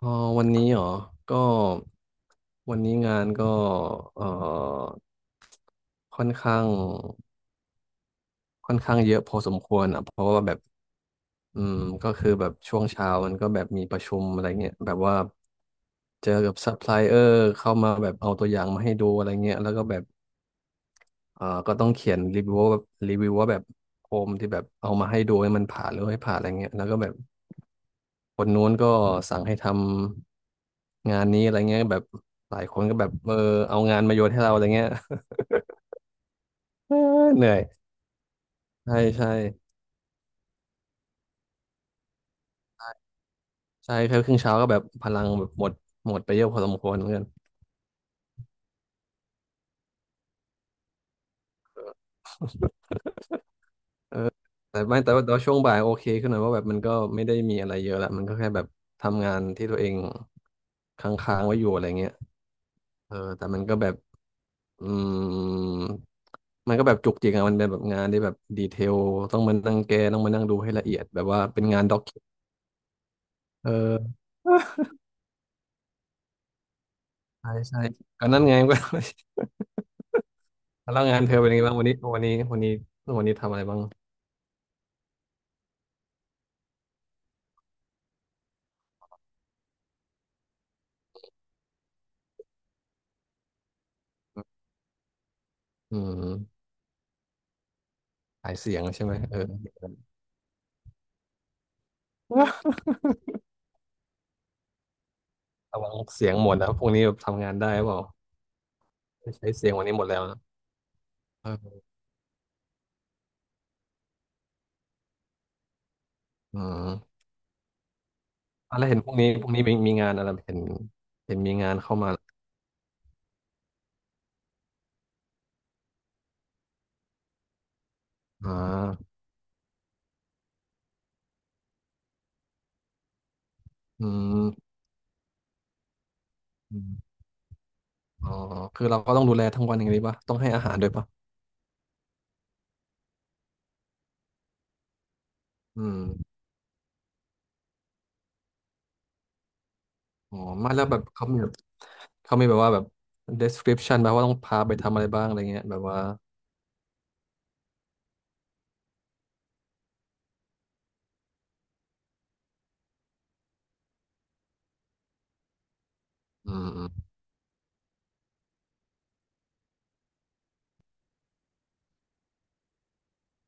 เออวันนี้เหรอก็วันนี้งานก็เออค่อนข้างค่อนข้างเยอะพอสมควรอ่ะเพราะว่าแบบอืมก็คือแบบช่วงเช้ามันก็แบบมีประชุมอะไรเงี้ยแบบว่าเจอกับซัพพลายเออร์เข้ามาแบบเอาตัวอย่างมาให้ดูอะไรเงี้ยแล้วก็แบบก็ต้องเขียนรีวิวว่าแบบรีวิวว่าแบบโฮมที่แบบเอามาให้ดูให้มันผ่านหรือไม่ผ่านอะไรเงี้ยแล้วก็แบบ คนนู้นก็สั่งให้ทำงานนี้อะไรเงี้ยแบบหลายคนก็แบบเอางานมาโยนให้เราอะไรเงี้ย เออเหนื่อยใช่ใช่ใช่แค่ครึ่งเช้าก็แบบพลังแบบหมดหมดไปเยอะพอสมควรเหมือนกันแต่ว่าช่วงบ่ายโอเคขึ้นหน่อยว่าแบบมันก็ไม่ได้มีอะไรเยอะละมันก็แค่แบบทำงานที่ตัวเองค้างๆไว้อยู่อะไรเงี้ยแต่มันก็แบบอืมมันก็แบบจุกจิกอะมันเป็นแบบงานที่แบบดีเทลต้องมานั่งแก้ต้องมานั่งดูให้ละเอียดแบบว่าเป็นงานด็อก เออใช่ใช่ก็นั่นไง ก็แล้วงานเธอเป็นยังไงบ้างวันนี้วันนี้ทำอะไรบ้างอืมขายเสียงใช่ไหมระวังเสียงหมดนะพวกนี้แบบทำงานได้หรือเปล่าไม่ใช้เสียงวันนี้หมดแล้วนะเอออืมอ่ะแล้วเห็นพวกนี้พวกนี้มีมีงานอะไรเห็นมีงานเข้ามาอ่าอืมอมอ๋อคือเราก็ต้องดูแลทั้งวันอย่างนี้ป่ะต้องให้อาหารด้วยป่ะอืม อ๋อไม่แล้วแบบเขามีแบบเขามีแบบว่าแบบ description แบบว่าต้องพาไปทำอะไรบ้างอะไรเงี้ยแบบว่าอืมอืม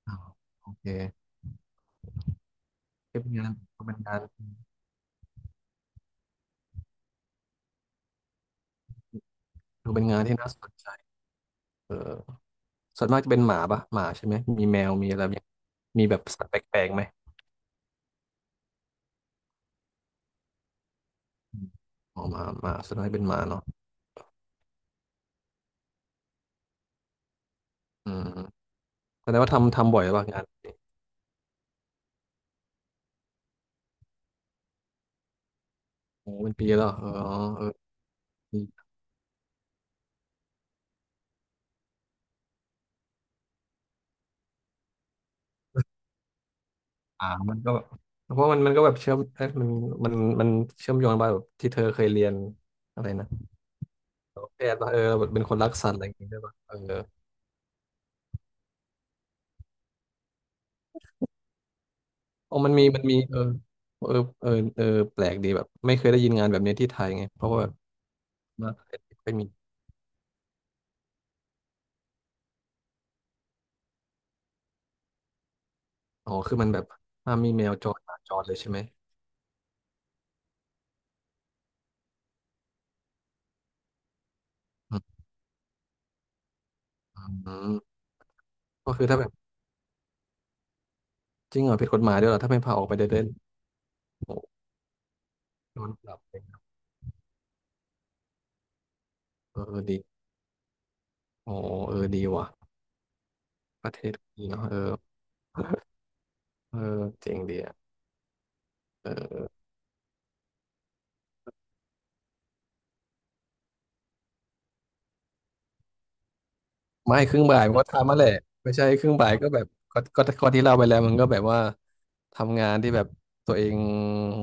อ้าวโอเคเป็นงานเป็นงานดูเป็นงานที่น่าสนใจเออส่วนมากจะเป็นหมาปะหมาใช่ไหม มีแมวมีอะไรแบบเนี้ยมีแบบสัตว์แปลกๆไหมอมอ๋อหมาหมาส่วนมากเป็นหมาเนาะอืมแสดงว่าทำบ่อยป่ะงานโอ้เป็นปีแล้วเหรอเออเออปีอ่ามันก็แบบเพราะมันก็แบบเชื่อมเอ๊ะมันมันเชื่อมโยงไปแบบที่เธอเคยเรียนอะไรนะ แพทย์ป่ะเออแบบเป็นคนรักสัตว์อะไรอย่างงี้ด้วยป่ะเอออ๋อมันมีมันมีเออเออเออแปลกดีแบบไม่เคยได้ยินงานแบบนี้ที่ไทยไงเพราะว่าแบบมาไทยไม่มีอ๋อคือมันแบบห้ามมีแมวจรหมาจรเลยใช่ไหมอืมอืมก็คือถ้าแบบจริงเหรอผิดกฎหมายด้วยเหรอถ้าไม่พาออกไปเดินเล่นโอ้โดนปรับเลยนะเออดีโอ้เออดีว่ะประเทศดีเนาะเออเออเจ๋งดีอ่ะเออ ไม่ครึ่งบ่ายมันก็ทำมาแหละไม่ใช่ครึ่งบ่ายก็แบบก็ที่เล่าไปแล้วมันก็แบบว่าทำงานที่แบบตัวเอง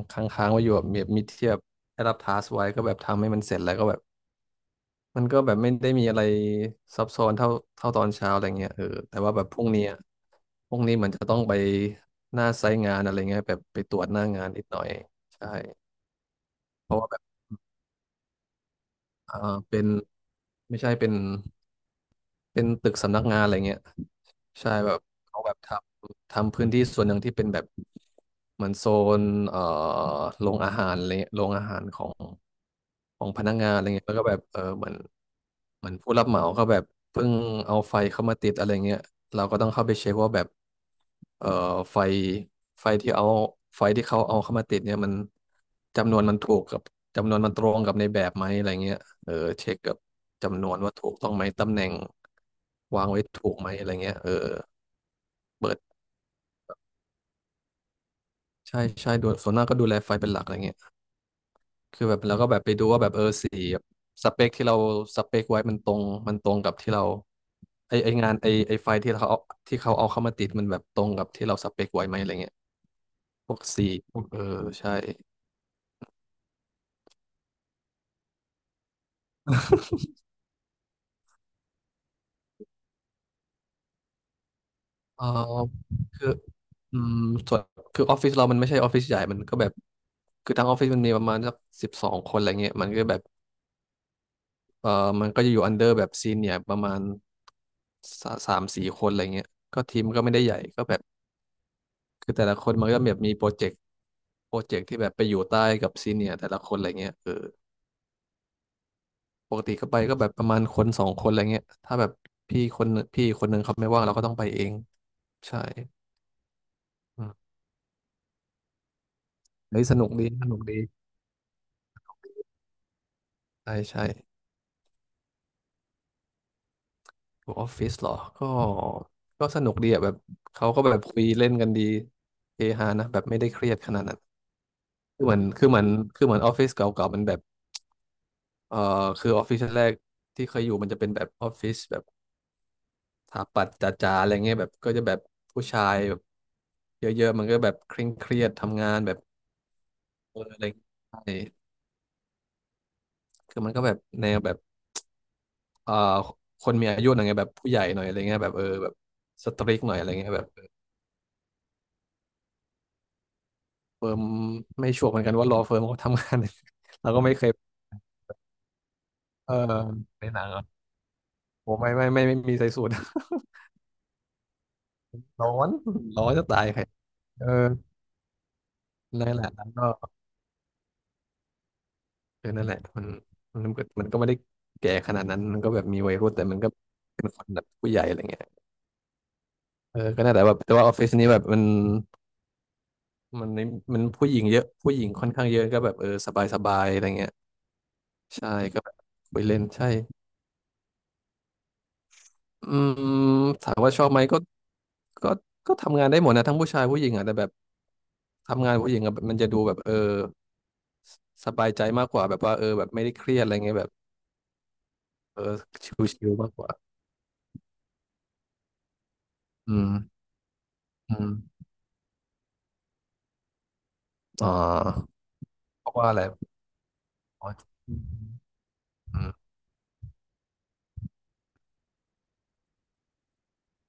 ค้างๆไว้อยู่แบบมีเทียบได้รับทาสไว้ก็แบบทำให้มันเสร็จแล้วก็แบบมันก็แบบไม่ได้มีอะไรซับซ้อนเท่าตอนเช้าอะไรเงี้ยแต่ว่าแบบพรุ่งนี้อะพรุ่งนี้มันจะต้องไปหน้าไซต์งานอะไรเงี้ยแบบไปตรวจหน้างานนิดหน่อยใช่เพราะว่าแบบอ่าเป็นไม่ใช่เป็น เป็นตึกสำนักงานอะไรเงี้ยใช่แบบเขาแบบทำพื้นที่ส่วนหนึ่งที่เป็นแบบเหมือนโซนเอ่อโรงอาหารอะไรเงี้ยโรงอาหารของ ของพนักงานอะไรเงี้ยแล้วก็แบบเออเหมือนผู้รับเหมาก็แบบเพิ่งเอาไฟเข้ามาติดอะไรเงี้ยเราก็ต้องเข้าไปเช็คว่าแบบเอ่อไฟไฟที่เอาไฟที่เขาเอาเข้ามาติดเนี่ยมันจำนวนมันถูกกับจำนวนมันตรงกับในแบบไหมอะไรเงี้ยเออเช็คกับจำนวนว่าถูกต้องไหมตำแหน่งวางไว้ถูกไหมอะไรเงี้ยเออเปิดใช่ใช่ดูส่วนหน้ากก็ดูแลไฟเป็นหลักอะไรเงี้ย คือแบบเราก็แบบไปดูว่าแบบเออสีแบบสเปคที่เราสเปคไว้มันตรงกับที่เราไอไองานไอไอไฟล์ที่เขาเอาเข้ามาติดมันแบบตรงกับที่เราสเปคไว้ไหมอะไรเงี้ยพวกสีพวกเออใช่เออคืออืมส่วนคือออฟฟิศเรามันไม่ใช่ออฟฟิศใหญ่มันก็แบบคือทั้งออฟฟิศมันมีประมาณสัก12 คนอะไรเงี้ยมันก็แบบเออมันก็จะอยู่อันเดอร์แบบซีเนียประมาณสามสี่คนอะไรเงี้ยก็ทีมก็ไม่ได้ใหญ่ก็แบบคือแต่ละคนมันก็แบบมีโปรเจกต์ โปรเจกต์ที่แบบไปอยู่ใต้กับซีเนียร์แต่ละคนอะไรเงี้ยเออปกติก็ไปก็แบบประมาณคนสองคนอะไรเงี้ยถ้าแบบพี่คนหนึ่งเขาไม่ว่างเราก็ต้องไปเองใช่อืมเฮ้ยสนุกดีใช่ใช่อยูออฟฟิศเหรอก็ก็สนุกดีอ่ะแบบเขาก็แบบคุยเล่นกันดีเฮฮานะแบบไม่ได้เครียดขนาดนั้นคือเหมือนคือเหมือนคือเหมือนออฟฟิศเก่าๆมันแบบเอ่อคือออฟฟิศแรกที่เคยอยู่มันจะเป็นแบบออฟฟิศแบบ สถาปัตย์จ๋าๆอะไรเงี้ยแบบก็จะแบบผู้ชายแบบเยอะๆมันก็แบบเคร่งเครียดทำงานแบบเอออะไรใช่คือมันก็แบบแนวแบบเอ่อคนมีอายุหน่อยไงแบบผู้ใหญ่หน่อยอะไรเงี้ยแบบเออแบบสตริกหน่อยอะไรเงี้ยแบบเฟิร์มไม่ชัวร์เหมือนกันว่าลอเฟิร์มเขาทำงาน เราก็ไม่เคยเออในหนังเหรอโอ้ไม่ไม่ไม่ไม่ไมมีใส่สูท ร้อนร้อนจะตายใครเออนั่นแหละแล้วก็ เออนั่นแหละมันมันก็ไม่ได้แก่ขนาดนั้นมันก็แบบมีวัยรุ่นแต่มันก็เป็นคนแบบผู้ใหญ่อะไรเงี้ยเออก็น่าแต่แบบแต่ว่าออฟฟิศนี้แบบมันมันผู้หญิงเยอะผู้หญิงค่อนข้างเยอะก็แบบเออสบายสบายอะไรเงี้ยใช่ก็แบบคุยเล่นใช่อืมถามว่าชอบไหมก็ก็ทำงานได้หมดนะทั้งผู้ชายผู้หญิงอ่ะแต่แบบทำงานผู้หญิงอะมันจะดูแบบเออสบายใจมากกว่าแบบว่าเออแบบไม่ได้เครียดอะไรเงี้ยแบบเออชิลๆมากกว่าอืมอืมอ่าเพราะว่าอะไร อ๋ออืม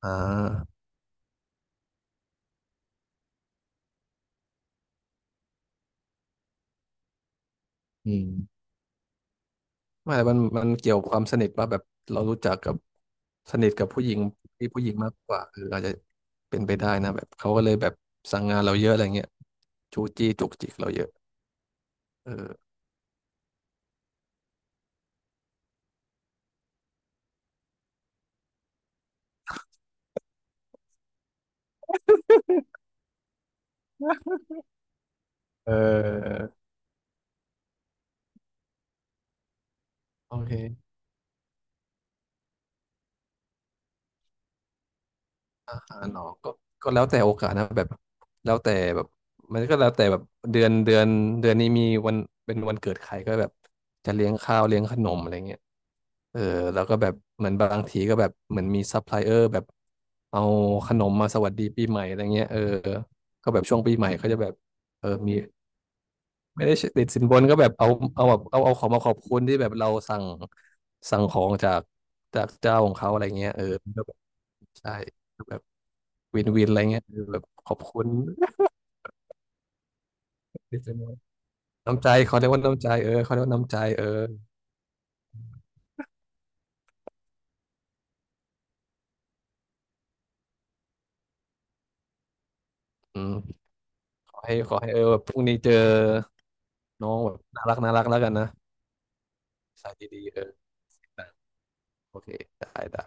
อ่าอืมไม่แต่มันเกี่ยวความสนิทป่ะแบบเรารู้จักกับสนิทกับผู้หญิงที่ผู้หญิงมากกว่าเอออาจจะเป็นไปได้นะแบบเขาก็เลยแบบสั่งงานเราเยอะอะไรเงี้ยจู้จี้จุกจิกเราเยอะเออเออโอเค อาหารเหรอก็ก็แล้วแต่โอกาสนะแบบแล้วแต่แบบมันก็แล้วแต่แบบเดือนเดือนเดือนนี้มีวันเป็นวันเกิดใครก็แบบจะเลี้ยงข้าวเลี้ยงขนมอะไรเงี้ยเออแล้วก็แบบเหมือนบางทีก็แบบเหมือนมีซัพพลายเออร์แบบเอาขนมมาสวัสดีปีใหม่อะไรเงี้ยเออก็แบบช่วงปีใหม่เขาจะแบบเออมีไม่ได้ติดสินบนก็แบบเอาของมาขอบคุณที่แบบเราสั่งของจากเจ้าของเขาอะไรเงี้ยเออก็แบบใช่ วินวินอะไรเงี้ยคือแบบขอบคุณ ดีใจมากน้ำใจเขาเรียกว่าน้ำใจเออเขาเรียกว่าน้ำใจเอออืมขอให้เออแบบพรุ่งนี้เจอน้องแบบน่ารักแล้วกันนะสายดีๆเออโอเคได้ได้